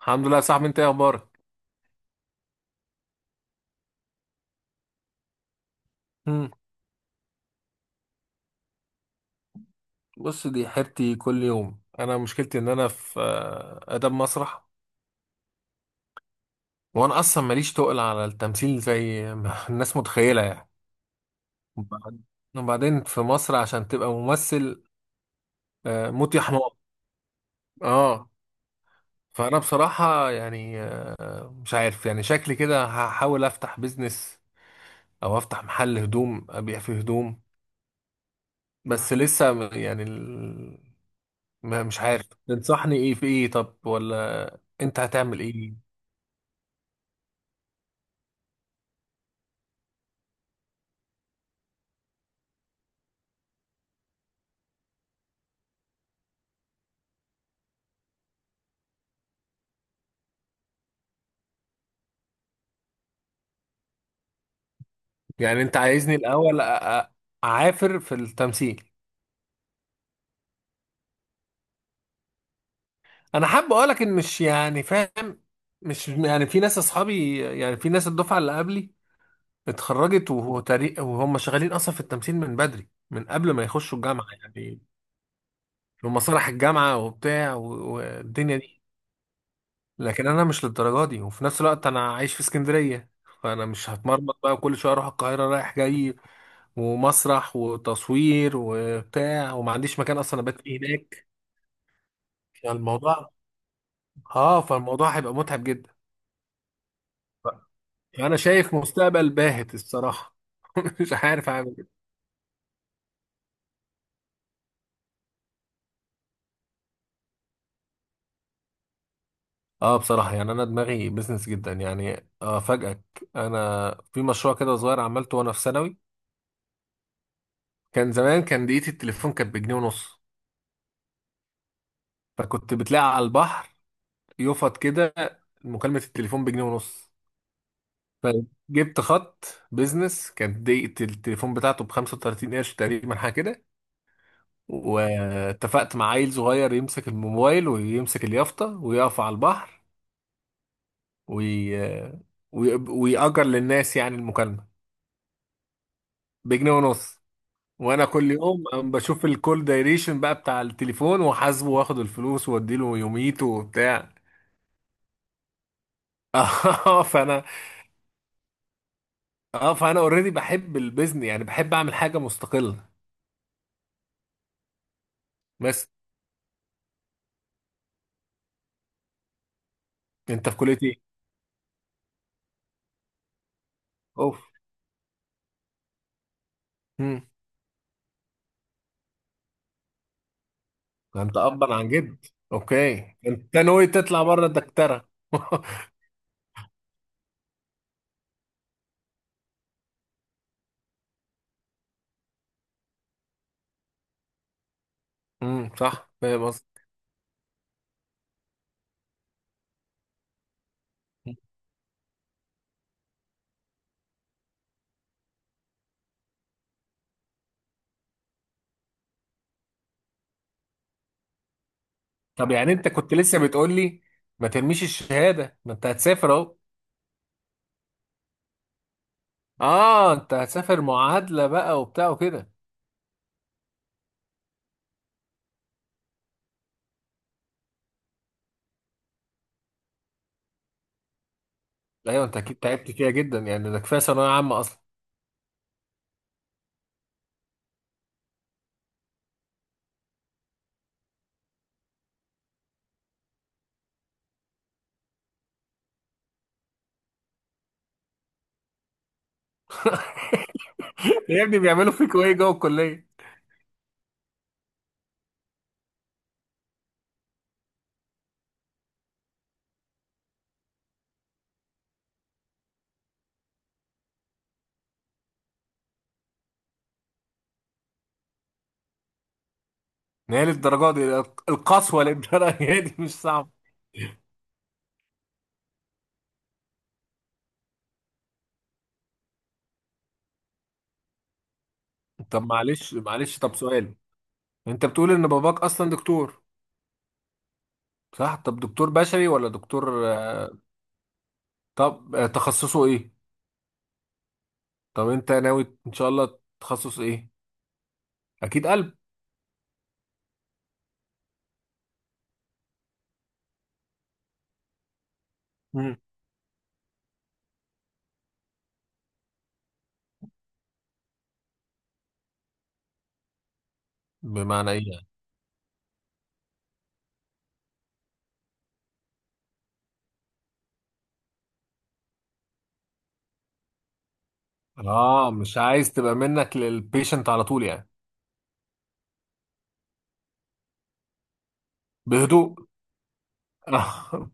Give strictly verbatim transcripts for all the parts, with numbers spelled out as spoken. الحمد لله يا صاحبي، انت ايه اخبارك؟ مم. بص، دي حيرتي كل يوم. انا مشكلتي ان انا في آه، اداب مسرح، وانا اصلا ماليش تقل على التمثيل زي ما الناس متخيله يعني. وبعد- وبعدين في مصر عشان تبقى ممثل، آه، موت يا حمار. اه، فانا بصراحه يعني آه، مش عارف، يعني شكلي كده هحاول افتح بيزنس او افتح محل هدوم ابيع فيه هدوم. بس لسه م- يعني، ما مش عارف، تنصحني ايه في ايه؟ طب ولا انت هتعمل ايه؟ يعني انت عايزني الاول أ- أ- اعافر في التمثيل؟ انا حابب اقولك ان مش يعني فاهم، مش يعني في ناس اصحابي، يعني في ناس الدفعه اللي قبلي اتخرجت وهو تاريخ، وهم شغالين اصلا في التمثيل من بدري، من قبل ما يخشوا الجامعه يعني، في مسارح الجامعه وبتاع و- والدنيا دي. لكن انا مش للدرجه دي، وفي نفس الوقت انا عايش في اسكندريه، فانا مش هتمرمط بقى كل شويه اروح القاهره رايح جاي ومسرح وتصوير وبتاع، وما عنديش مكان اصلا ابات فيه هناك. فالموضوع اه فالموضوع هيبقى متعب جدا. انا شايف مستقبل باهت الصراحه. مش عارف اعمل ايه. اه، بصراحه يعني انا دماغي بزنس جدا، يعني افاجئك، انا في مشروع كده صغير عملته وانا في ثانوي. كان زمان، كان دقيقه التليفون كانت بجنيه ونص، فكنت بتلاقي على البحر يفط كده مكالمه التليفون بجنيه ونص. فجبت خط بيزنس كانت دقيقة التليفون بتاعته ب خمسة وتلاتين قرش تقريبا حاجة كده، واتفقت مع عيل صغير يمسك الموبايل ويمسك اليافطة ويقف على البحر وي... وي... ويأجر للناس يعني المكالمة بجنيه ونص. وأنا كل يوم أم بشوف الكول دايريشن بقى بتاع التليفون، وحاسبه واخد الفلوس واديله يوميته وبتاع. اه، فأنا اه فأنا اوريدي بحب البيزنس، يعني بحب أعمل حاجة مستقلة. بس أنت في كلية إيه؟ أوف. ده انت ابا عن جد. اوكي، انت ناوي تطلع بره الدكتره؟ امم، صح فاهم قصدي. طب يعني انت كنت لسه بتقول لي ما ترميش الشهاده، ما انت هتسافر اهو. اه، انت هتسافر معادله بقى وبتاع وكده. ايوه، انت اكيد تعبت فيها جدا، يعني ده كفايه ثانويه عامه اصلا. يا ابني بيعملوا فيك ايه جوه الكليه؟ ما هي للدرجه دي؟ القسوه للدرجه دي؟ مش صعبه. طب معلش معلش، طب سؤال. انت بتقول ان باباك اصلا دكتور، صح؟ طب دكتور بشري ولا دكتور آه، طب آه، تخصصه ايه؟ طب انت ناوي ان شاء الله تخصص ايه؟ اكيد قلب. مم. بمعنى ايه يعني؟ اه، مش عايز تبقى منك للبيشنت على طول يعني. بهدوء. آه،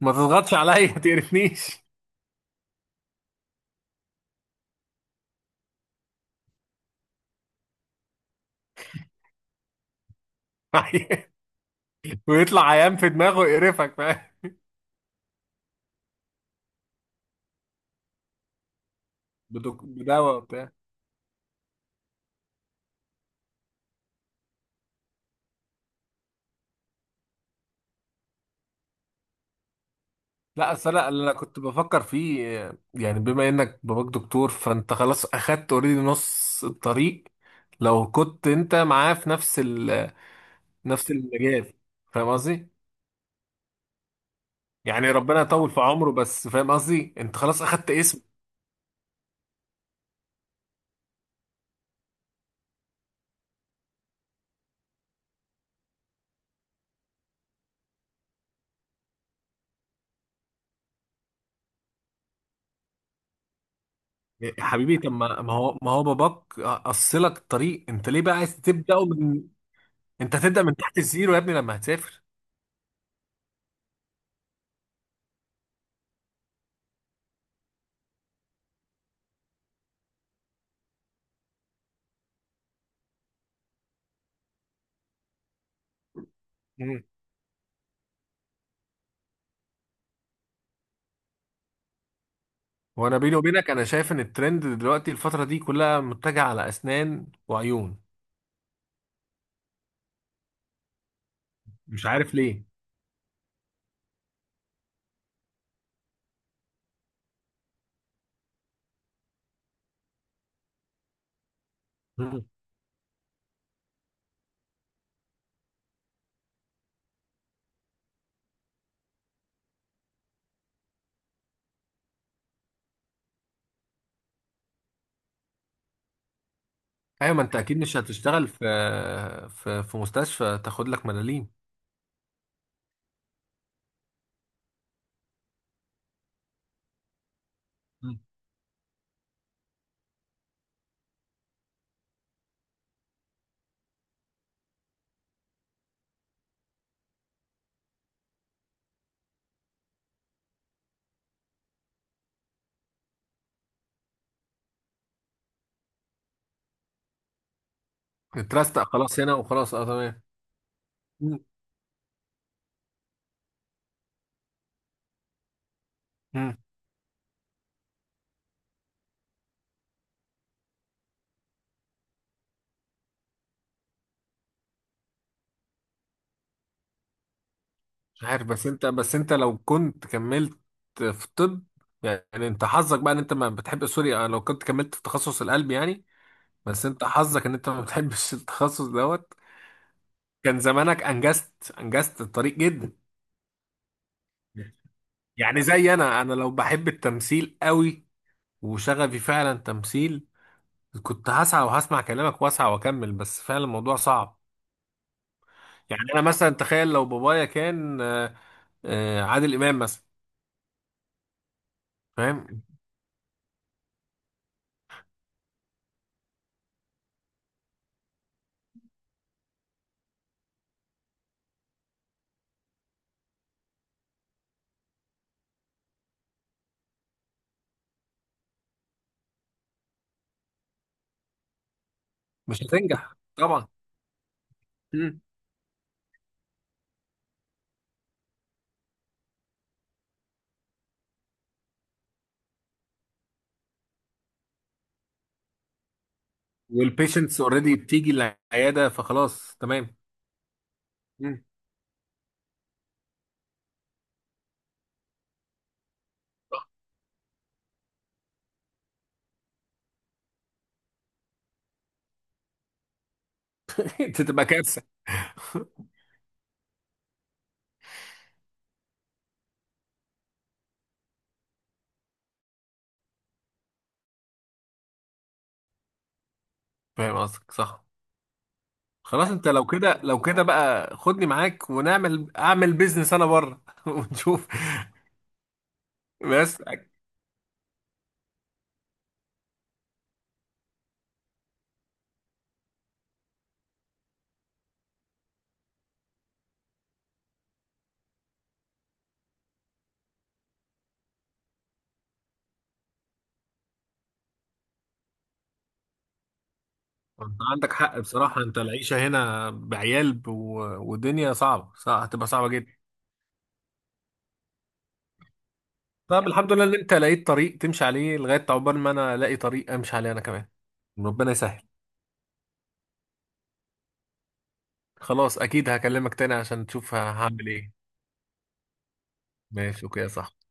ما تضغطش عليا، ما تقرفنيش. ويطلع عيان في دماغه يقرفك، فاهم. بدك- بدواء وبتاع. لا اصل انا اللي انا كنت بفكر فيه آه، يعني بما انك باباك دكتور، فانت خلاص اخدت اوريدي نص الطريق. لو كنت انت معاه في نفس ال نفس المجال، فاهم قصدي؟ يعني ربنا يطول في عمره، بس فاهم قصدي، انت خلاص اخدت اسم. يا حبيبي طب ما ما هو ما هو باباك قصلك الطريق، انت ليه بقى عايز تبدأ من؟ انت هتبدأ من تحت الزيرو يا ابني لما هتسافر. مم. وانا بيني وبينك، انا شايف ان الترند دلوقتي الفترة دي كلها متجهة على اسنان وعيون، مش عارف ليه. مم. ايوه، ما انت اكيد مش هتشتغل في في في مستشفى تاخد لك ملاليم. مم. اترستق خلاص هنا وخلاص، اه تمام. مم. مم. مش عارف، بس انت بس انت لو كنت كملت في طب، يعني انت حظك بقى ان انت ما بتحب، سوري، اه، لو كنت كملت في تخصص القلب يعني. بس انت حظك ان انت ما بتحبش التخصص دوت. كان زمانك انجزت انجزت الطريق جدا. يعني زي انا انا لو بحب التمثيل قوي وشغفي فعلا تمثيل، كنت هسعى وهسمع كلامك واسعى واكمل، بس فعلا الموضوع صعب. يعني انا مثلا تخيل لو بابايا كان اه، اه، عادل امام مثلا. فاهم. مش هتنجح طبعا. والبيشنتس اوريدي بتيجي العياده، فخلاص تمام. مم. انت تبقى كارثه. فاهم قصدك صح. خلاص انت لو كده لو كده بقى خدني معاك ونعمل، اعمل بيزنس انا بره ونشوف. بس انت عندك حق بصراحه، انت العيشه هنا بعيال ب- والدنيا صعبه، صعب. هتبقى صعبه جدا. طب الحمد لله ان انت لقيت طريق تمشي عليه، لغايه عقبال ما انا الاقي طريق امشي عليه انا كمان. ربنا يسهل. خلاص اكيد هكلمك تاني عشان تشوف هعمل ايه. ماشي اوكي يا صاحبي.